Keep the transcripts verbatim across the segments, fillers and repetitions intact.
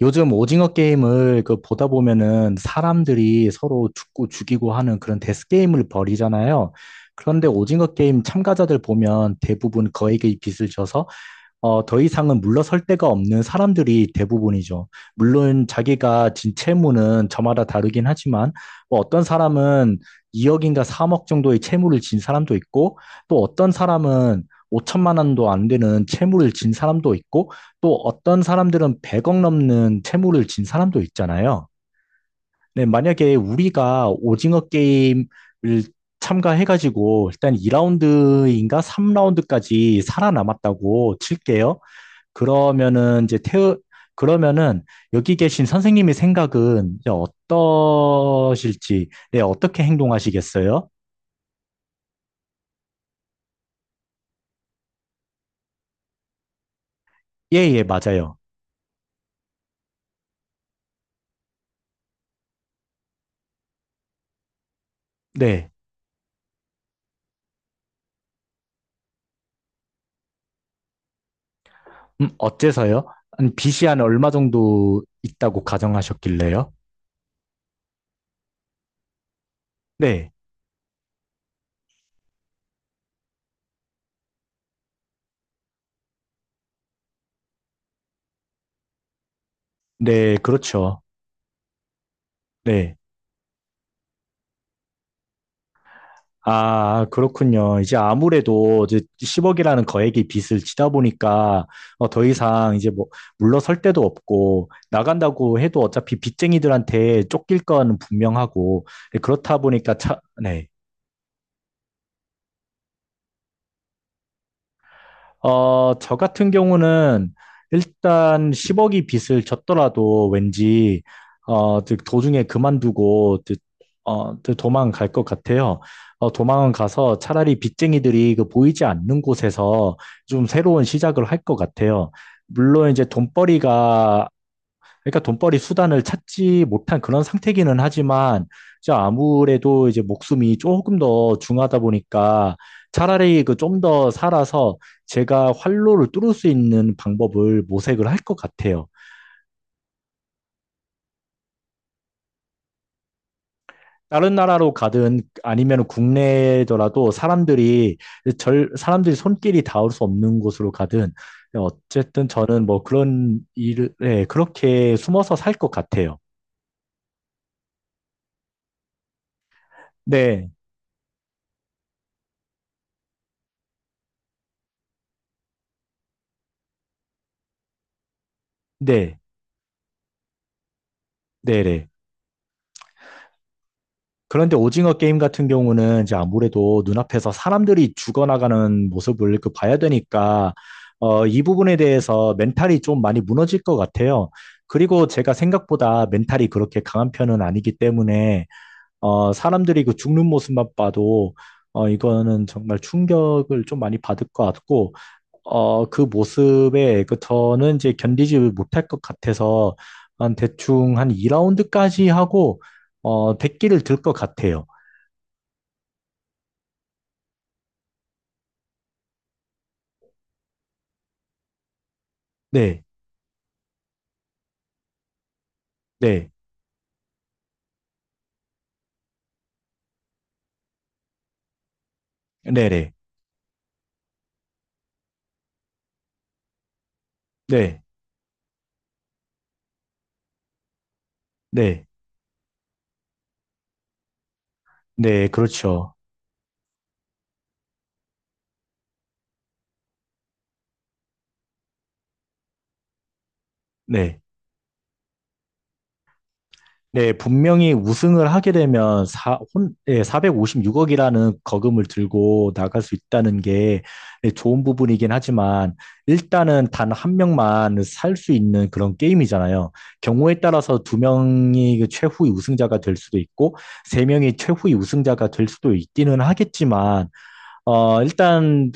요즘 오징어 게임을 그 보다 보면은 사람들이 서로 죽고 죽이고 하는 그런 데스 게임을 벌이잖아요. 그런데 오징어 게임 참가자들 보면 대부분 거액의 빚을 져서 어, 더 이상은 물러설 데가 없는 사람들이 대부분이죠. 물론 자기가 진 채무는 저마다 다르긴 하지만, 뭐 어떤 사람은 이 억인가 삼 억 정도의 채무를 진 사람도 있고, 또 어떤 사람은 오천만 원도 안 되는 채무를 진 사람도 있고, 또 어떤 사람들은 백억 넘는 채무를 진 사람도 있잖아요. 네, 만약에 우리가 오징어 게임을 참가해가지고 일단 이 라운드인가 삼 라운드까지 살아남았다고 칠게요. 그러면은 이제 태우 그러면은 여기 계신 선생님의 생각은 이제 어떠실지, 네, 어떻게 행동하시겠어요? 예, 예, 맞아요. 네. 음, 어째서요? 한 빚이 한 얼마 정도 있다고 가정하셨길래요? 네, 네, 그렇죠. 네. 아, 그렇군요. 이제 아무래도 이제 십억이라는 거액의 빚을 지다 보니까 어, 더 이상 이제 뭐 물러설 데도 없고 나간다고 해도 어차피 빚쟁이들한테 쫓길 건 분명하고 예, 그렇다 보니까 차, 네. 어, 저 같은 경우는 일단 십억이 빚을 졌더라도 왠지, 어, 즉 도중에 그만두고, 즉, 어, 즉 도망갈 것 같아요. 어, 도망은 가서 차라리 빚쟁이들이 그 보이지 않는 곳에서 좀 새로운 시작을 할 것 같아요. 물론 이제 돈벌이가 그러니까 돈벌이 수단을 찾지 못한 그런 상태기는 하지만 이제 아무래도 이제 목숨이 조금 더 중하다 보니까 차라리 그 좀 더 살아서 제가 활로를 뚫을 수 있는 방법을 모색을 할 것 같아요. 다른 나라로 가든 아니면 국내더라도 사람들이 절 사람들이 손길이 닿을 수 없는 곳으로 가든 어쨌든 저는 뭐 그런 일을 네, 그렇게 숨어서 살 것 같아요. 네, 네, 네, 네. 그런데 오징어 게임 같은 경우는 이제 아무래도 눈앞에서 사람들이 죽어나가는 모습을 그 봐야 되니까 어, 이 부분에 대해서 멘탈이 좀 많이 무너질 것 같아요. 그리고 제가 생각보다 멘탈이 그렇게 강한 편은 아니기 때문에 어, 사람들이 그 죽는 모습만 봐도 어, 이거는 정말 충격을 좀 많이 받을 것 같고 어, 그 모습에 그 저는 이제 견디지 못할 것 같아서 한 대충 한 이 라운드까지 하고 어, 일 기를 들 것 같아요. 네, 네, 네 네, 네, 네, 네, 네, 그렇죠. 네, 네, 분명히 우승을 하게 되면 사, 혼, 네, 사백오십육억이라는 거금을 들고 나갈 수 있다는 게 네, 좋은 부분이긴 하지만 일단은 단 한 명만 살 수 있는 그런 게임이잖아요. 경우에 따라서 두 명이 그 최후의 우승자가 될 수도 있고 세 명이 최후의 우승자가 될 수도 있기는 하겠지만 어, 일단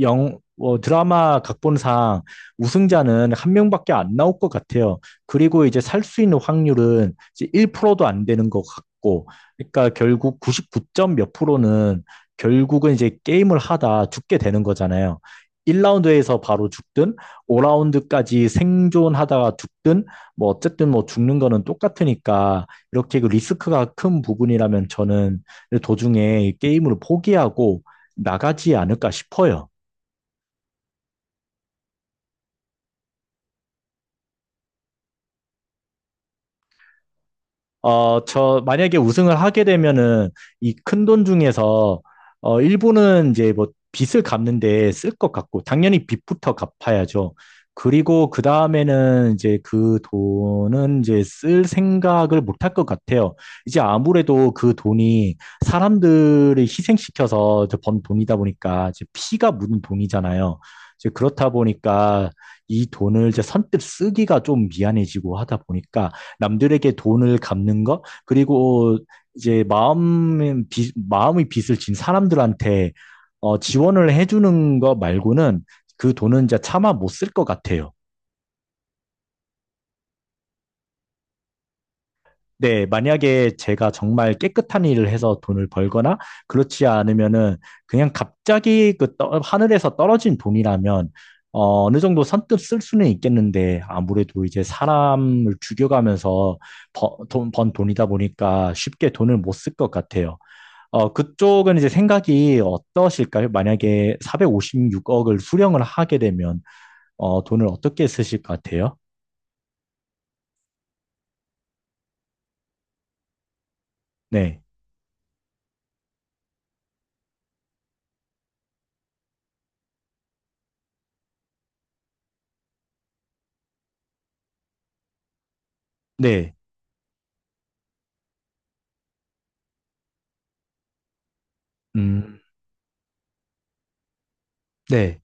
영, 어, 드라마 각본상 우승자는 한 명밖에 안 나올 것 같아요. 그리고 이제 살 수 있는 확률은 이제 일 프로도 안 되는 것 같고, 그러니까 결국 구십구 점 몇 프로는 결국은 이제 게임을 하다 죽게 되는 거잖아요. 일 라운드에서 바로 죽든, 오 라운드까지 생존하다가 죽든, 뭐 어쨌든 뭐 죽는 거는 똑같으니까 이렇게 그 리스크가 큰 부분이라면 저는 도중에 게임을 포기하고 나가지 않을까 싶어요. 어, 저, 만약에 우승을 하게 되면은 이 큰돈 중에서 어, 일부는 이제 뭐 빚을 갚는데 쓸 것 같고, 당연히 빚부터 갚아야죠. 그리고 그 다음에는 이제 그 돈은 이제 쓸 생각을 못할 것 같아요. 이제 아무래도 그 돈이 사람들을 희생시켜서 이제 번 돈이다 보니까 이제 피가 묻은 돈이잖아요. 이제 그렇다 보니까 이 돈을 이제 선뜻 쓰기가 좀 미안해지고 하다 보니까 남들에게 돈을 갚는 거, 그리고 이제 마음, 빚, 마음의 빚을 진 사람들한테 어, 지원을 해주는 거 말고는 그 돈은 이제 차마 못 쓸 것 같아요. 네, 만약에 제가 정말 깨끗한 일을 해서 돈을 벌거나 그렇지 않으면은 그냥 갑자기 그 떠- 하늘에서 떨어진 돈이라면 어, 어느 정도 선뜻 쓸 수는 있겠는데 아무래도 이제 사람을 죽여가면서 버- 돈- 번 돈이다 보니까 쉽게 돈을 못 쓸 것 같아요. 어, 그쪽은 이제 생각이 어떠실까요? 만약에 사백오십육억을 수령을 하게 되면, 어, 돈을 어떻게 쓰실 것 같아요? 네. 네. 음, 네.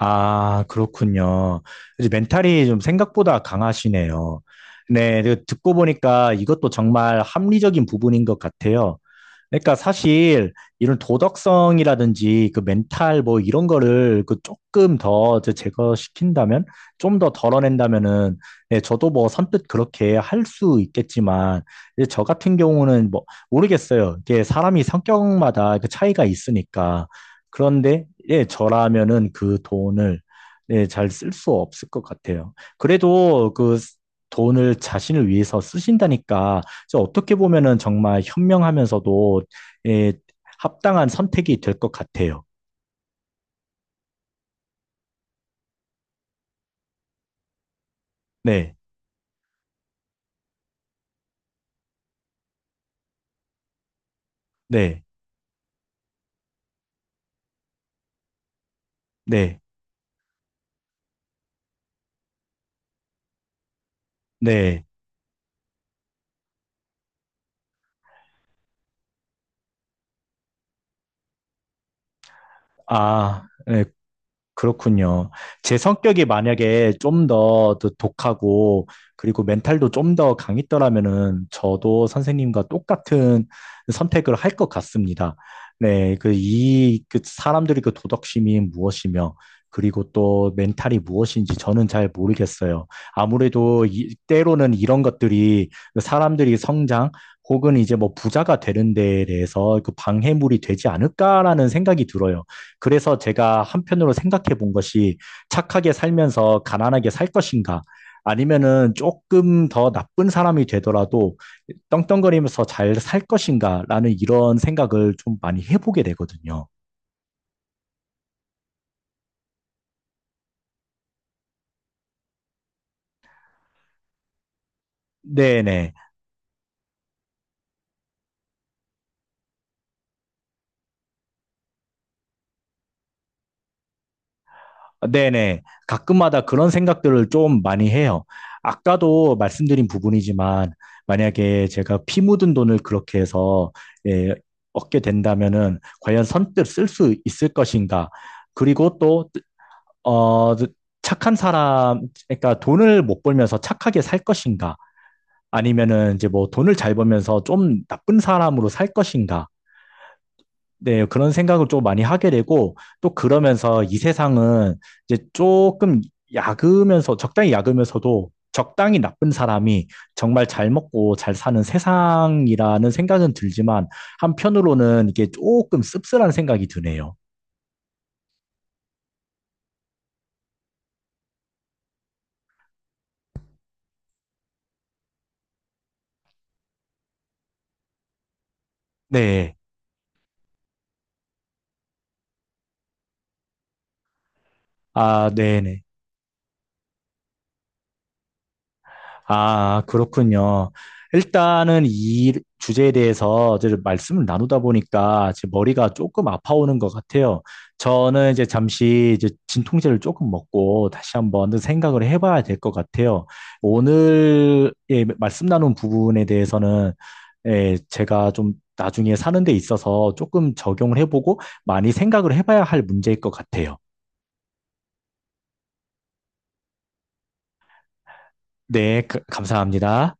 아, 그렇군요. 이제 멘탈이 좀 생각보다 강하시네요. 네. 그 듣고 보니까 이것도 정말 합리적인 부분인 것 같아요. 그러니까 사실 이런 도덕성이라든지 그 멘탈 뭐 이런 거를 그 조금 더 이제 제거시킨다면 좀 더 덜어낸다면은 예, 저도 뭐 선뜻 그렇게 할 수 있겠지만 이제 저 같은 경우는 뭐 모르겠어요. 이게 사람이 성격마다 그 차이가 있으니까 그런데 예, 저라면은 그 돈을 예, 잘 쓸 수 없을 것 같아요. 그래도 그 돈을 자신을 위해서 쓰신다니까 이제 어떻게 보면은 정말 현명하면서도 예, 합당한 선택이 될 것 같아요. 네, 네, 네, 네. 아, 네. 그렇군요. 제 성격이 만약에 좀 더 독하고 그리고 멘탈도 좀 더 강했더라면은 저도 선생님과 똑같은 선택을 할 것 같습니다. 네, 그 이 그 사람들이 그 도덕심이 무엇이며 그리고 또 멘탈이 무엇인지 저는 잘 모르겠어요. 아무래도 이, 때로는 이런 것들이 사람들이 성장 혹은 이제 뭐 부자가 되는 데에 대해서 그 방해물이 되지 않을까라는 생각이 들어요. 그래서 제가 한편으로 생각해 본 것이 착하게 살면서 가난하게 살 것인가? 아니면은 조금 더 나쁜 사람이 되더라도 떵떵거리면서 잘 살 것인가? 라는 이런 생각을 좀 많이 해보게 되거든요. 네네. 네네. 가끔마다 그런 생각들을 좀 많이 해요. 아까도 말씀드린 부분이지만 만약에 제가 피 묻은 돈을 그렇게 해서 예, 얻게 된다면은 과연 선뜻 쓸 수 있을 것인가? 그리고 또 어, 착한 사람, 그러니까 돈을 못 벌면서 착하게 살 것인가? 아니면은 이제 뭐 돈을 잘 벌면서 좀 나쁜 사람으로 살 것인가? 네, 그런 생각을 좀 많이 하게 되고, 또 그러면서 이 세상은 이제 조금 약으면서, 적당히 약으면서도 적당히 나쁜 사람이 정말 잘 먹고 잘 사는 세상이라는 생각은 들지만, 한편으로는 이게 조금 씁쓸한 생각이 드네요. 네. 아, 네네. 아, 그렇군요. 일단은 이 주제에 대해서 이제 말씀을 나누다 보니까 제 머리가 조금 아파오는 것 같아요. 저는 이제 잠시 이제 진통제를 조금 먹고 다시 한번 생각을 해봐야 될 것 같아요. 오늘 예, 말씀 나눈 부분에 대해서는 예, 제가 좀 나중에 사는 데 있어서 조금 적용을 해보고 많이 생각을 해봐야 할 문제일 것 같아요. 네, 그- 감사합니다.